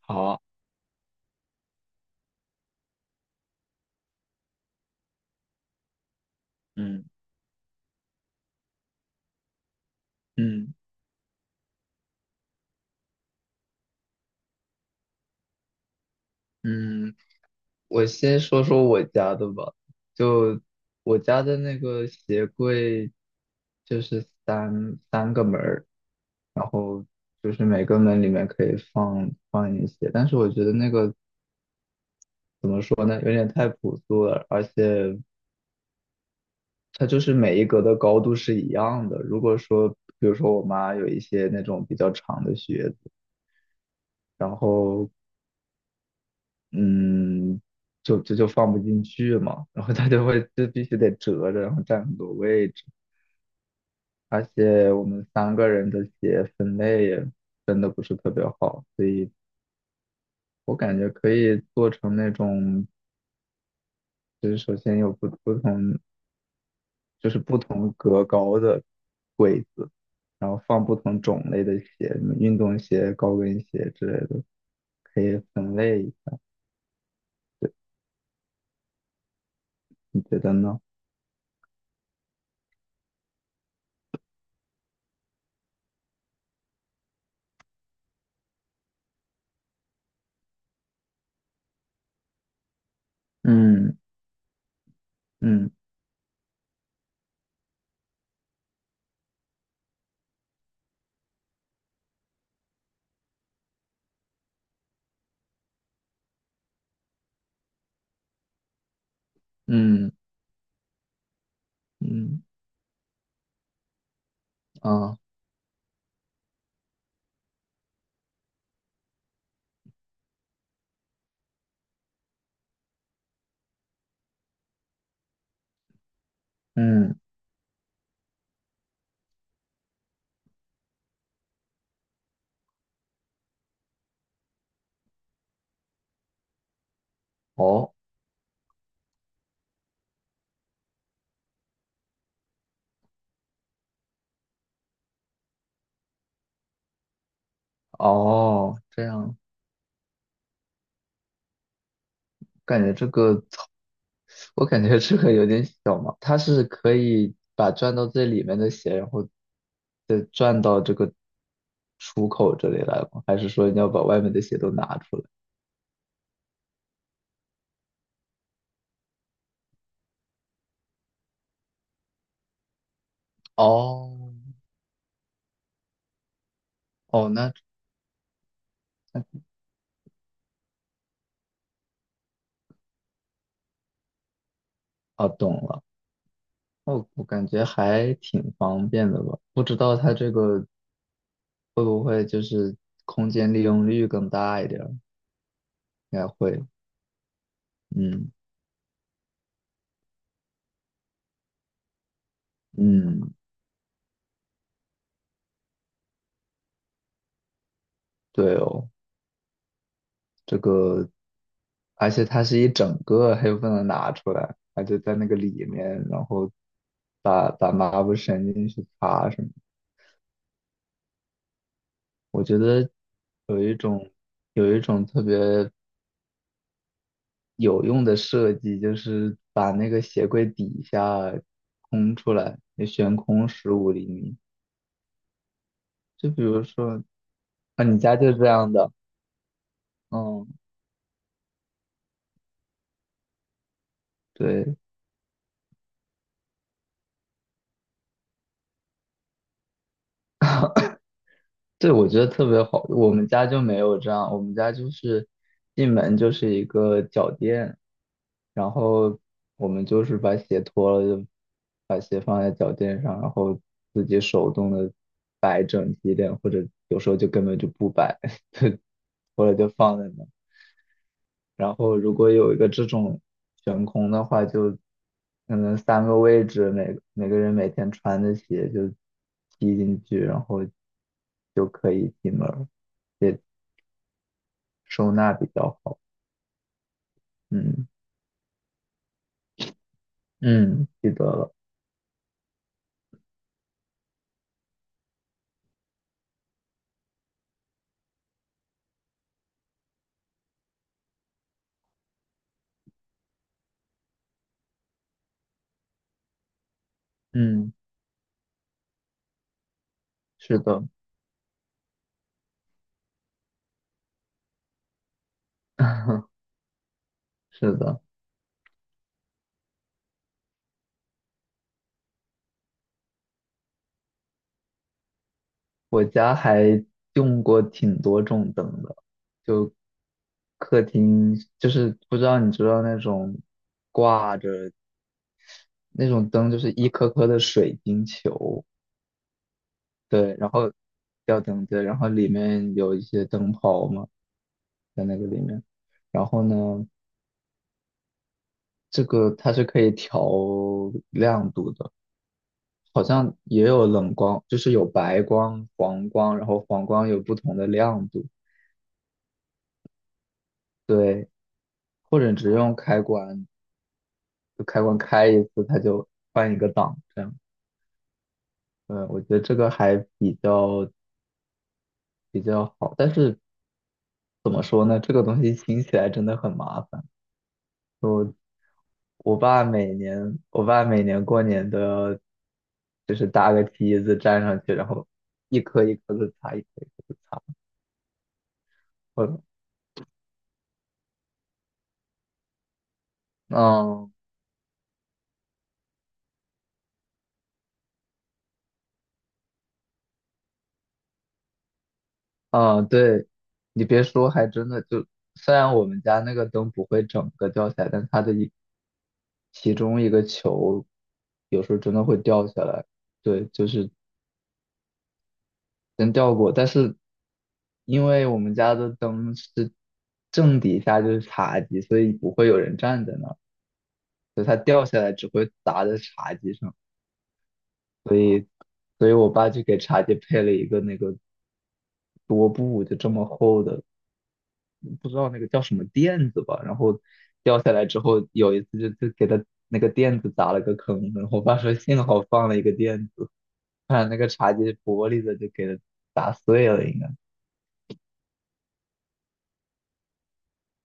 好，嗯嗯嗯，我先说说我家的吧。就我家的那个鞋柜，就是三个门儿，然后就是每个门里面可以放一些。但是我觉得那个怎么说呢，有点太朴素了，而且它就是每一格的高度是一样的。如果说，比如说我妈有一些那种比较长的靴子，然后。嗯，就这就放不进去嘛，然后他就必须得折着，然后占很多位置，而且我们三个人的鞋分类也分的不是特别好，所以我感觉可以做成那种，就是首先有不同，就是不同格高的柜子，然后放不同种类的鞋，什么运动鞋、高跟鞋之类的，可以分类，你觉得呢？嗯嗯嗯嗯啊嗯哦。哦，这样，感觉这个，我感觉这个有点小嘛。它是可以把转到最里面的鞋，然后再转到这个出口这里来吗？还是说你要把外面的鞋都拿出来？哦，哦，那哦，懂了。哦，我感觉还挺方便的吧？不知道它这个会不会就是空间利用率更大一点儿应该会。嗯嗯，对哦。这个，而且它是一整个，它又不能拿出来，它就在那个里面，然后把抹布伸进去擦什么。我觉得有一种有一种特别有用的设计，就是把那个鞋柜底下空出来，也悬空十五厘米。就比如说，啊，你家就这样的，嗯，对，对，我觉得特别好。我们家就没有这样，我们家就是进门就是一个脚垫，然后我们就是把鞋脱了，就把鞋放在脚垫上，然后自己手动的摆整齐一点，或者有时候就根本就不摆，就或者就放在那。然后如果有一个这种悬空的话，就可能三个位置，每个人每天穿的鞋就踢进去，然后就可以进门。收纳比较好。嗯嗯，记得了。嗯，是的，是的，我家还用过挺多种灯的，就客厅就是不知道你知道那种挂着那种灯，就是一颗颗的水晶球，对，然后吊灯对，然后里面有一些灯泡嘛，在那个里面，然后呢，这个它是可以调亮度的。好像也有冷光，就是有白光、黄光，然后黄光有不同的亮度。对，或者只用开关，就开关开一次，它就换一个档，这样。嗯，我觉得这个还比较好，但是怎么说呢？这个东西清起来真的很麻烦。我我爸每年，我爸每年过年都要，就是搭个梯子站上去，然后一颗一颗的擦，一颗一颗的擦。我嗯，啊，对，你别说，还真的就，虽然我们家那个灯不会整个掉下来，但它的一其中一个球有时候真的会掉下来。对，就是真掉过，但是因为我们家的灯是正底下就是茶几，所以不会有人站在那儿，所以它掉下来只会砸在茶几上。所以，所以我爸就给茶几配了一个那个桌布，就这么厚的，不知道那个叫什么垫子吧，然后掉下来之后，有一次就给他那个垫子砸了个坑，然后我爸说幸好放了一个垫子，不然那个茶几玻璃的就给他砸碎了，应该，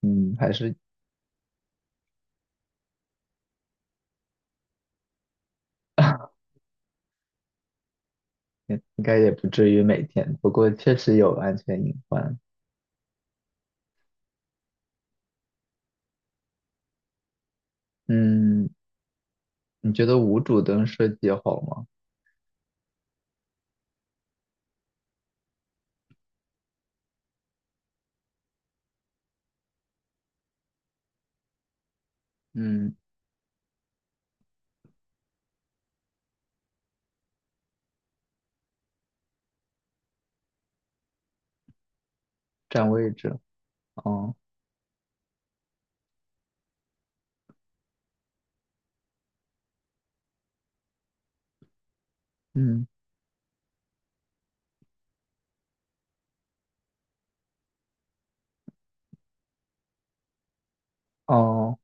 嗯，还是 应该也不至于每天，不过确实有安全隐患。嗯，你觉得无主灯设计好吗？嗯，占位置，哦，嗯，哦，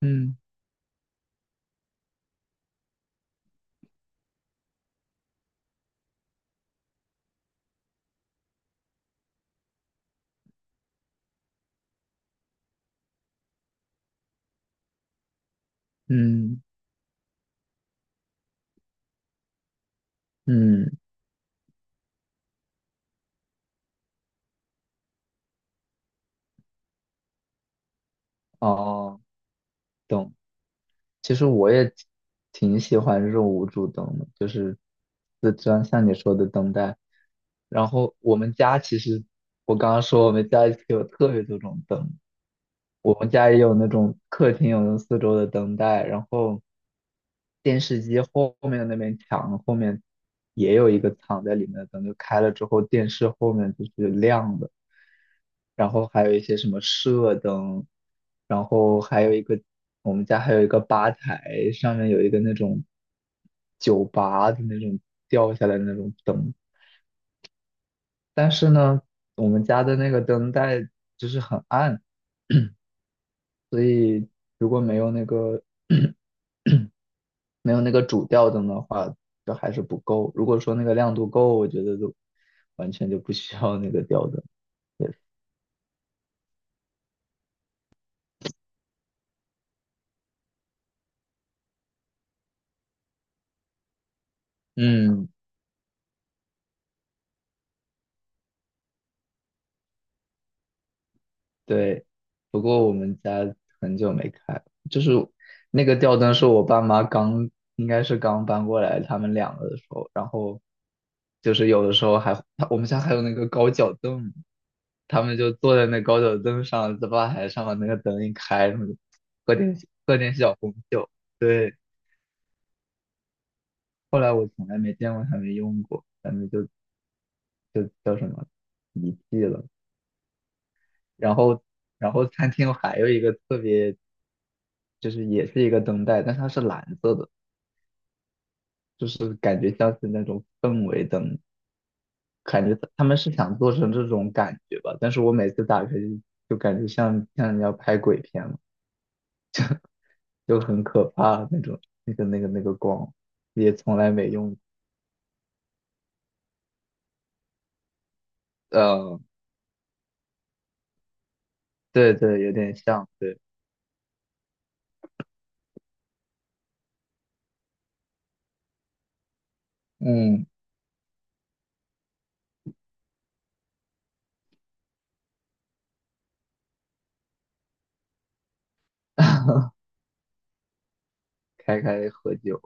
嗯，嗯，嗯，哦。其实我也挺喜欢这种无主灯的，就是这张像你说的灯带。然后我们家其实，我刚刚说我们家其实有特别多种灯，我们家也有那种客厅有那四周的灯带，然后电视机后面的那面墙后面也有一个藏在里面的灯，就开了之后电视后面就是亮的，然后还有一些什么射灯，然后还有一个我们家还有一个吧台，上面有一个那种酒吧的那种掉下来的那种灯，但是呢，我们家的那个灯带就是很暗。所以如果没有那个 没有那个主吊灯的话，就还是不够。如果说那个亮度够，我觉得就完全就不需要那个吊灯。嗯，对，不过我们家很久没开了，就是那个吊灯是我爸妈刚，应该是刚搬过来他们两个的时候，然后就是有的时候还，我们家还有那个高脚凳，他们就坐在那高脚凳上，在吧台上把那个灯一开，然后就喝点喝点小红酒。对，后来我从来没见过他们用过，他们就叫什么遗弃了。然后然后餐厅还有一个特别。就是也是一个灯带，但是它是蓝色的，就是感觉像是那种氛围灯，感觉他们是想做成这种感觉吧。但是我每次打开就感觉像人家拍鬼片了，就很可怕那种，那个光也从来没用过。呃，对对，有点像，对，嗯，开开喝酒。